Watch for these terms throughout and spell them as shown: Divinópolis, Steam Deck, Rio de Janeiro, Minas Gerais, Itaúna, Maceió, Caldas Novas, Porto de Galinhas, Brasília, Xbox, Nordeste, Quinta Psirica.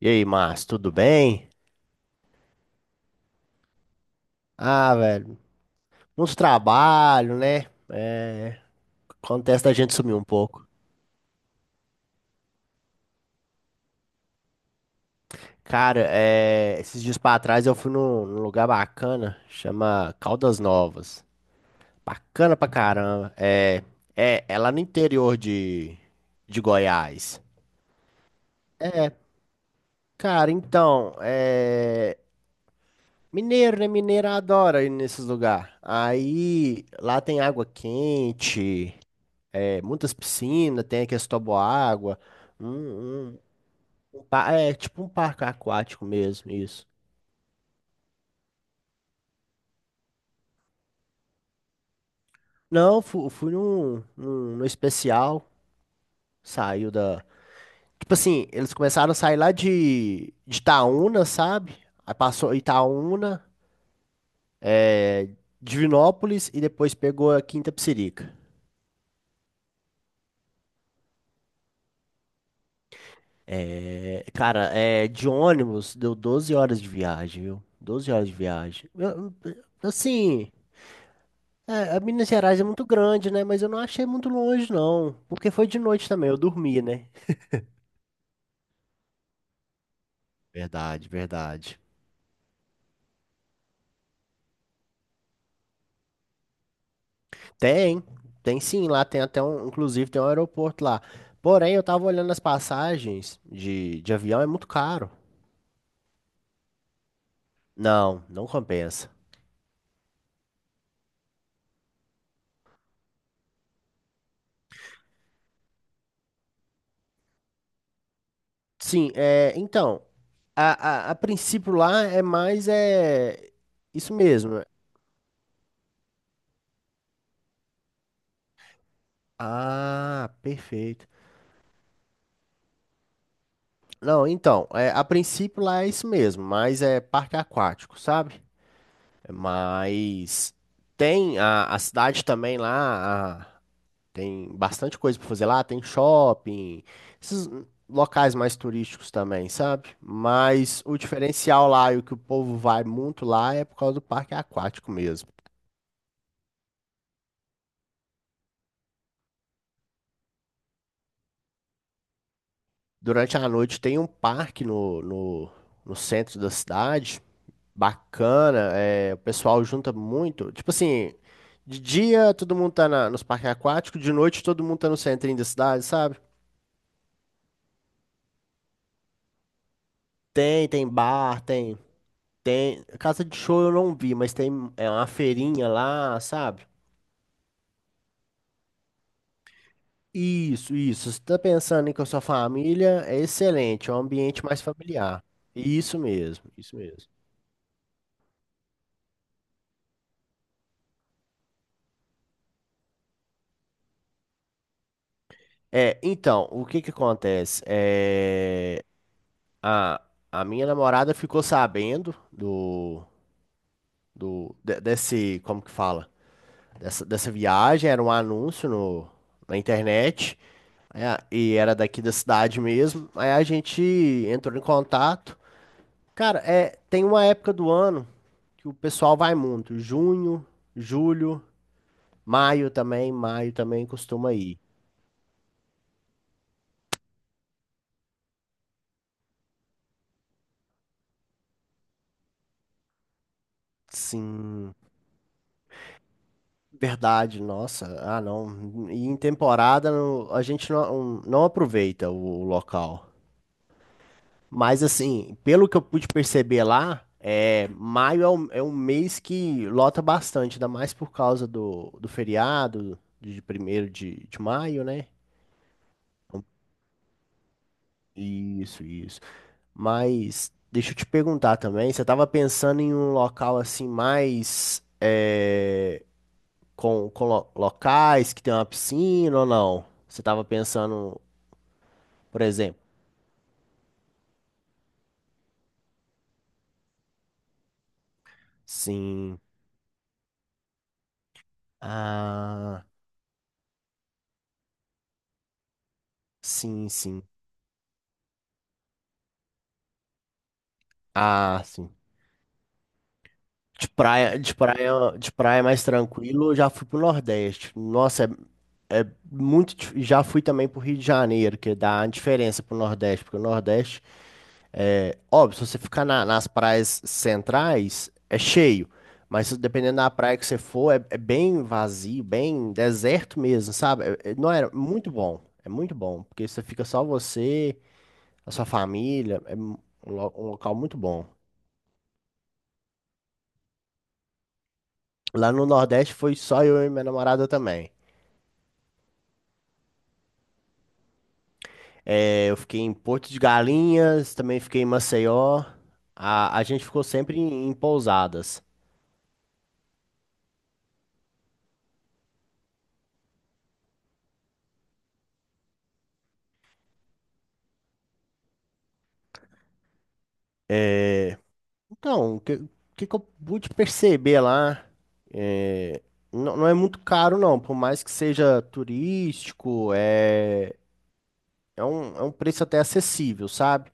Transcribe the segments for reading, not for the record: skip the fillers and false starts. E aí, Márcio, tudo bem? Ah, velho, uns trabalhos, né? É, acontece da gente sumir um pouco. Cara, é, esses dias pra trás eu fui num lugar bacana, chama Caldas Novas. Bacana pra caramba. É lá no interior de Goiás. Cara, então, é, mineiro, né? Mineiro adora ir nesses lugares. Aí, lá tem água quente. É, muitas piscinas, tem aqueles toboágua, um, um, é tipo um parque aquático mesmo, isso. Não, fui num especial, saiu da... Tipo assim, eles começaram a sair lá de Itaúna, sabe? Aí passou Itaúna, Divinópolis e depois pegou a Quinta Psirica. É, cara, é, de ônibus deu 12 horas de viagem, viu? 12 horas de viagem. É, a Minas Gerais é muito grande, né? Mas eu não achei muito longe, não. Porque foi de noite também, eu dormi, né? Verdade, verdade. Tem, tem sim, lá tem até um, inclusive tem um aeroporto lá. Porém, eu tava olhando as passagens de avião, é muito caro. Não, não compensa. Sim, é, então, a princípio lá é mais, é, isso mesmo. Ah, perfeito. Não, então, é, a princípio lá é isso mesmo, mas é parque aquático, sabe? Mas tem a cidade também lá, tem bastante coisa para fazer lá, tem shopping, esses locais mais turísticos também, sabe? Mas o diferencial lá e o que o povo vai muito lá é por causa do parque aquático mesmo. Durante a noite tem um parque no centro da cidade, bacana, é, o pessoal junta muito, tipo assim, de dia todo mundo tá nos parques aquáticos, de noite todo mundo tá no centrinho da cidade, sabe? Tem bar, tem, tem. Casa de show eu não vi, mas tem é uma feirinha lá, sabe? Isso, isso. Se tá pensando em com a sua família, é excelente, é um ambiente mais familiar. Isso mesmo, isso mesmo. É, então, o que que acontece? É, a, a minha namorada ficou sabendo desse, como que fala? Dessa viagem, era um anúncio no, na internet. É, e era daqui da cidade mesmo. Aí a gente entrou em contato. Cara, é, tem uma época do ano que o pessoal vai muito. Junho, julho, maio também. Maio também costuma ir. Sim, verdade. Nossa, ah não. E em temporada a gente não aproveita o local. Mas assim, pelo que eu pude perceber lá, é, maio é um mês que lota bastante, ainda mais por causa do feriado de primeiro de maio, né? Isso, isso. Mas deixa eu te perguntar também, você estava pensando em um local assim mais é, com locais que tem uma piscina ou não? Você estava pensando, por exemplo, sim. Ah, sim, sim. Ah, sim. De praia mais tranquilo, eu já fui pro Nordeste. Nossa, já fui também pro Rio de Janeiro, que dá uma diferença pro Nordeste, porque o Nordeste é óbvio, se você ficar nas praias centrais, é cheio. Mas dependendo da praia que você for, é bem vazio, bem deserto mesmo, sabe? Não era muito bom. É muito bom, porque você fica só você, a sua família, é um local muito bom. Lá no Nordeste foi só eu e minha namorada também. É, eu fiquei em Porto de Galinhas, também fiquei em Maceió. A gente ficou sempre em pousadas. Então, o que que eu pude perceber lá? É, não, não é muito caro, não. Por mais que seja turístico, é um preço até acessível, sabe?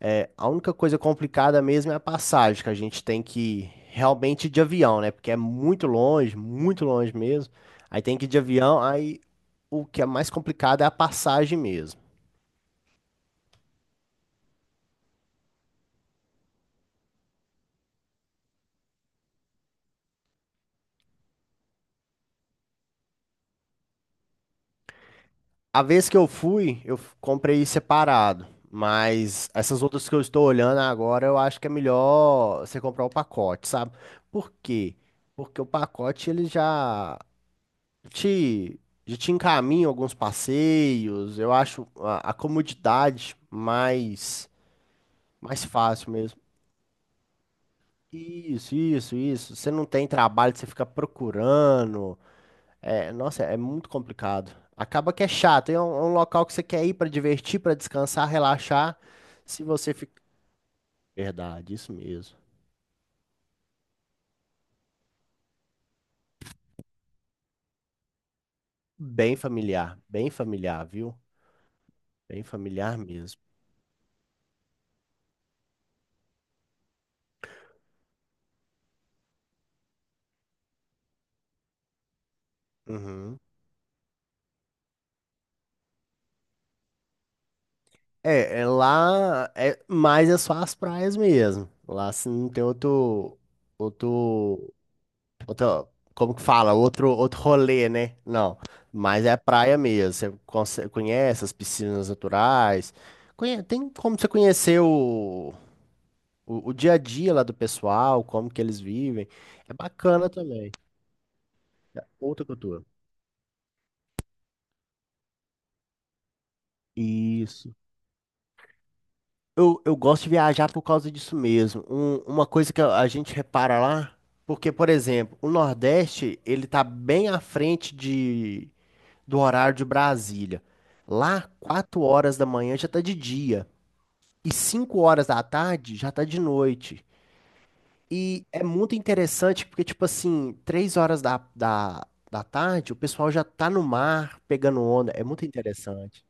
A única coisa complicada mesmo é a passagem, que a gente tem que realmente ir de avião, né? Porque é muito longe mesmo. Aí tem que ir de avião, aí o que é mais complicado é a passagem mesmo. A vez que eu fui, eu comprei separado. Mas essas outras que eu estou olhando agora, eu acho que é melhor você comprar o pacote, sabe? Por quê? Porque o pacote ele te, já te encaminha alguns passeios. Eu acho a comodidade mais fácil mesmo. Isso, isso, isso. Você não tem trabalho de você ficar procurando. É, nossa, é muito complicado. Acaba que é chato. É um local que você quer ir para divertir, para descansar, relaxar. Se você fica. Verdade, isso mesmo. Bem familiar, viu? Bem familiar mesmo. Uhum. É lá, é, mas é só as praias mesmo. Lá assim, não tem outro Outro, como que fala? Outro rolê, né? Não, mas é praia mesmo. Você conhece as piscinas naturais. Tem como você conhecer o dia a dia lá do pessoal, como que eles vivem. É bacana também. Outra cultura. Isso. Eu gosto de viajar por causa disso mesmo. Uma coisa que a gente repara lá, porque, por exemplo, o Nordeste, ele tá bem à frente do horário de Brasília. Lá, 4 horas da manhã já tá de dia. E 5 horas da tarde já tá de noite. E é muito interessante porque, tipo assim, 3 horas da tarde o pessoal já tá no mar pegando onda. É muito interessante.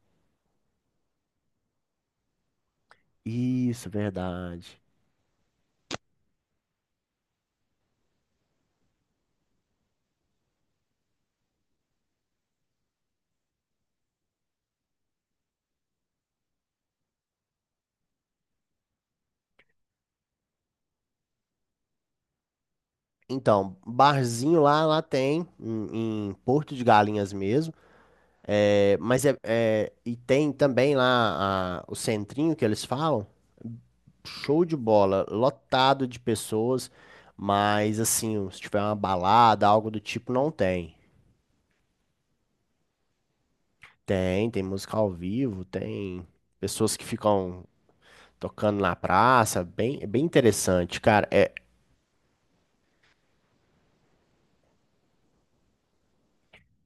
Isso, verdade. Então, barzinho lá, lá tem, em Porto de Galinhas mesmo. É, mas e tem também lá o centrinho que eles falam, show de bola, lotado de pessoas, mas assim, se tiver uma balada, algo do tipo, não tem. Tem música ao vivo, tem pessoas que ficam tocando na praça, bem, é bem interessante, cara. É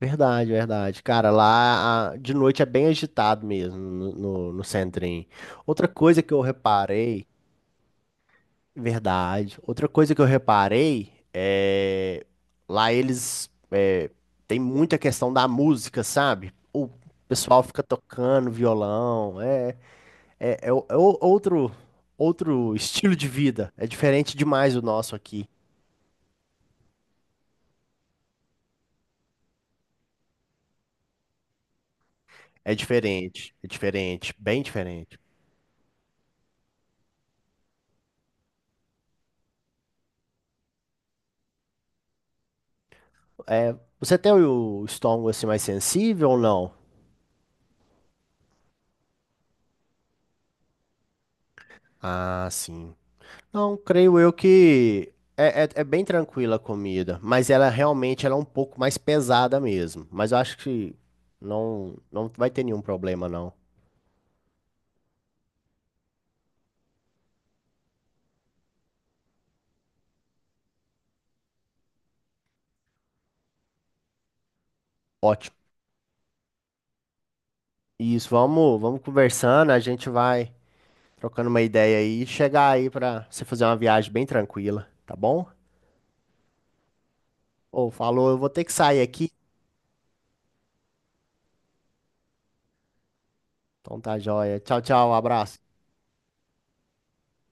verdade, verdade. Cara, lá de noite é bem agitado mesmo no centrinho. Outra coisa que eu reparei Verdade. Outra coisa que eu reparei é lá eles tem muita questão da música, sabe? O pessoal fica tocando violão, outro estilo de vida. É diferente demais do nosso aqui. É diferente, bem diferente. É, você tem o estômago assim mais sensível ou não? Ah, sim. Então, creio eu que é bem tranquila a comida, mas ela realmente ela é um pouco mais pesada mesmo. Mas eu acho que não, não vai ter nenhum problema, não. Ótimo. Isso, vamos conversando, a gente vai trocando uma ideia aí e chegar aí pra você fazer uma viagem bem tranquila, tá bom? Ou falou, eu vou ter que sair aqui. Então tá joia. Tchau, tchau, abraço.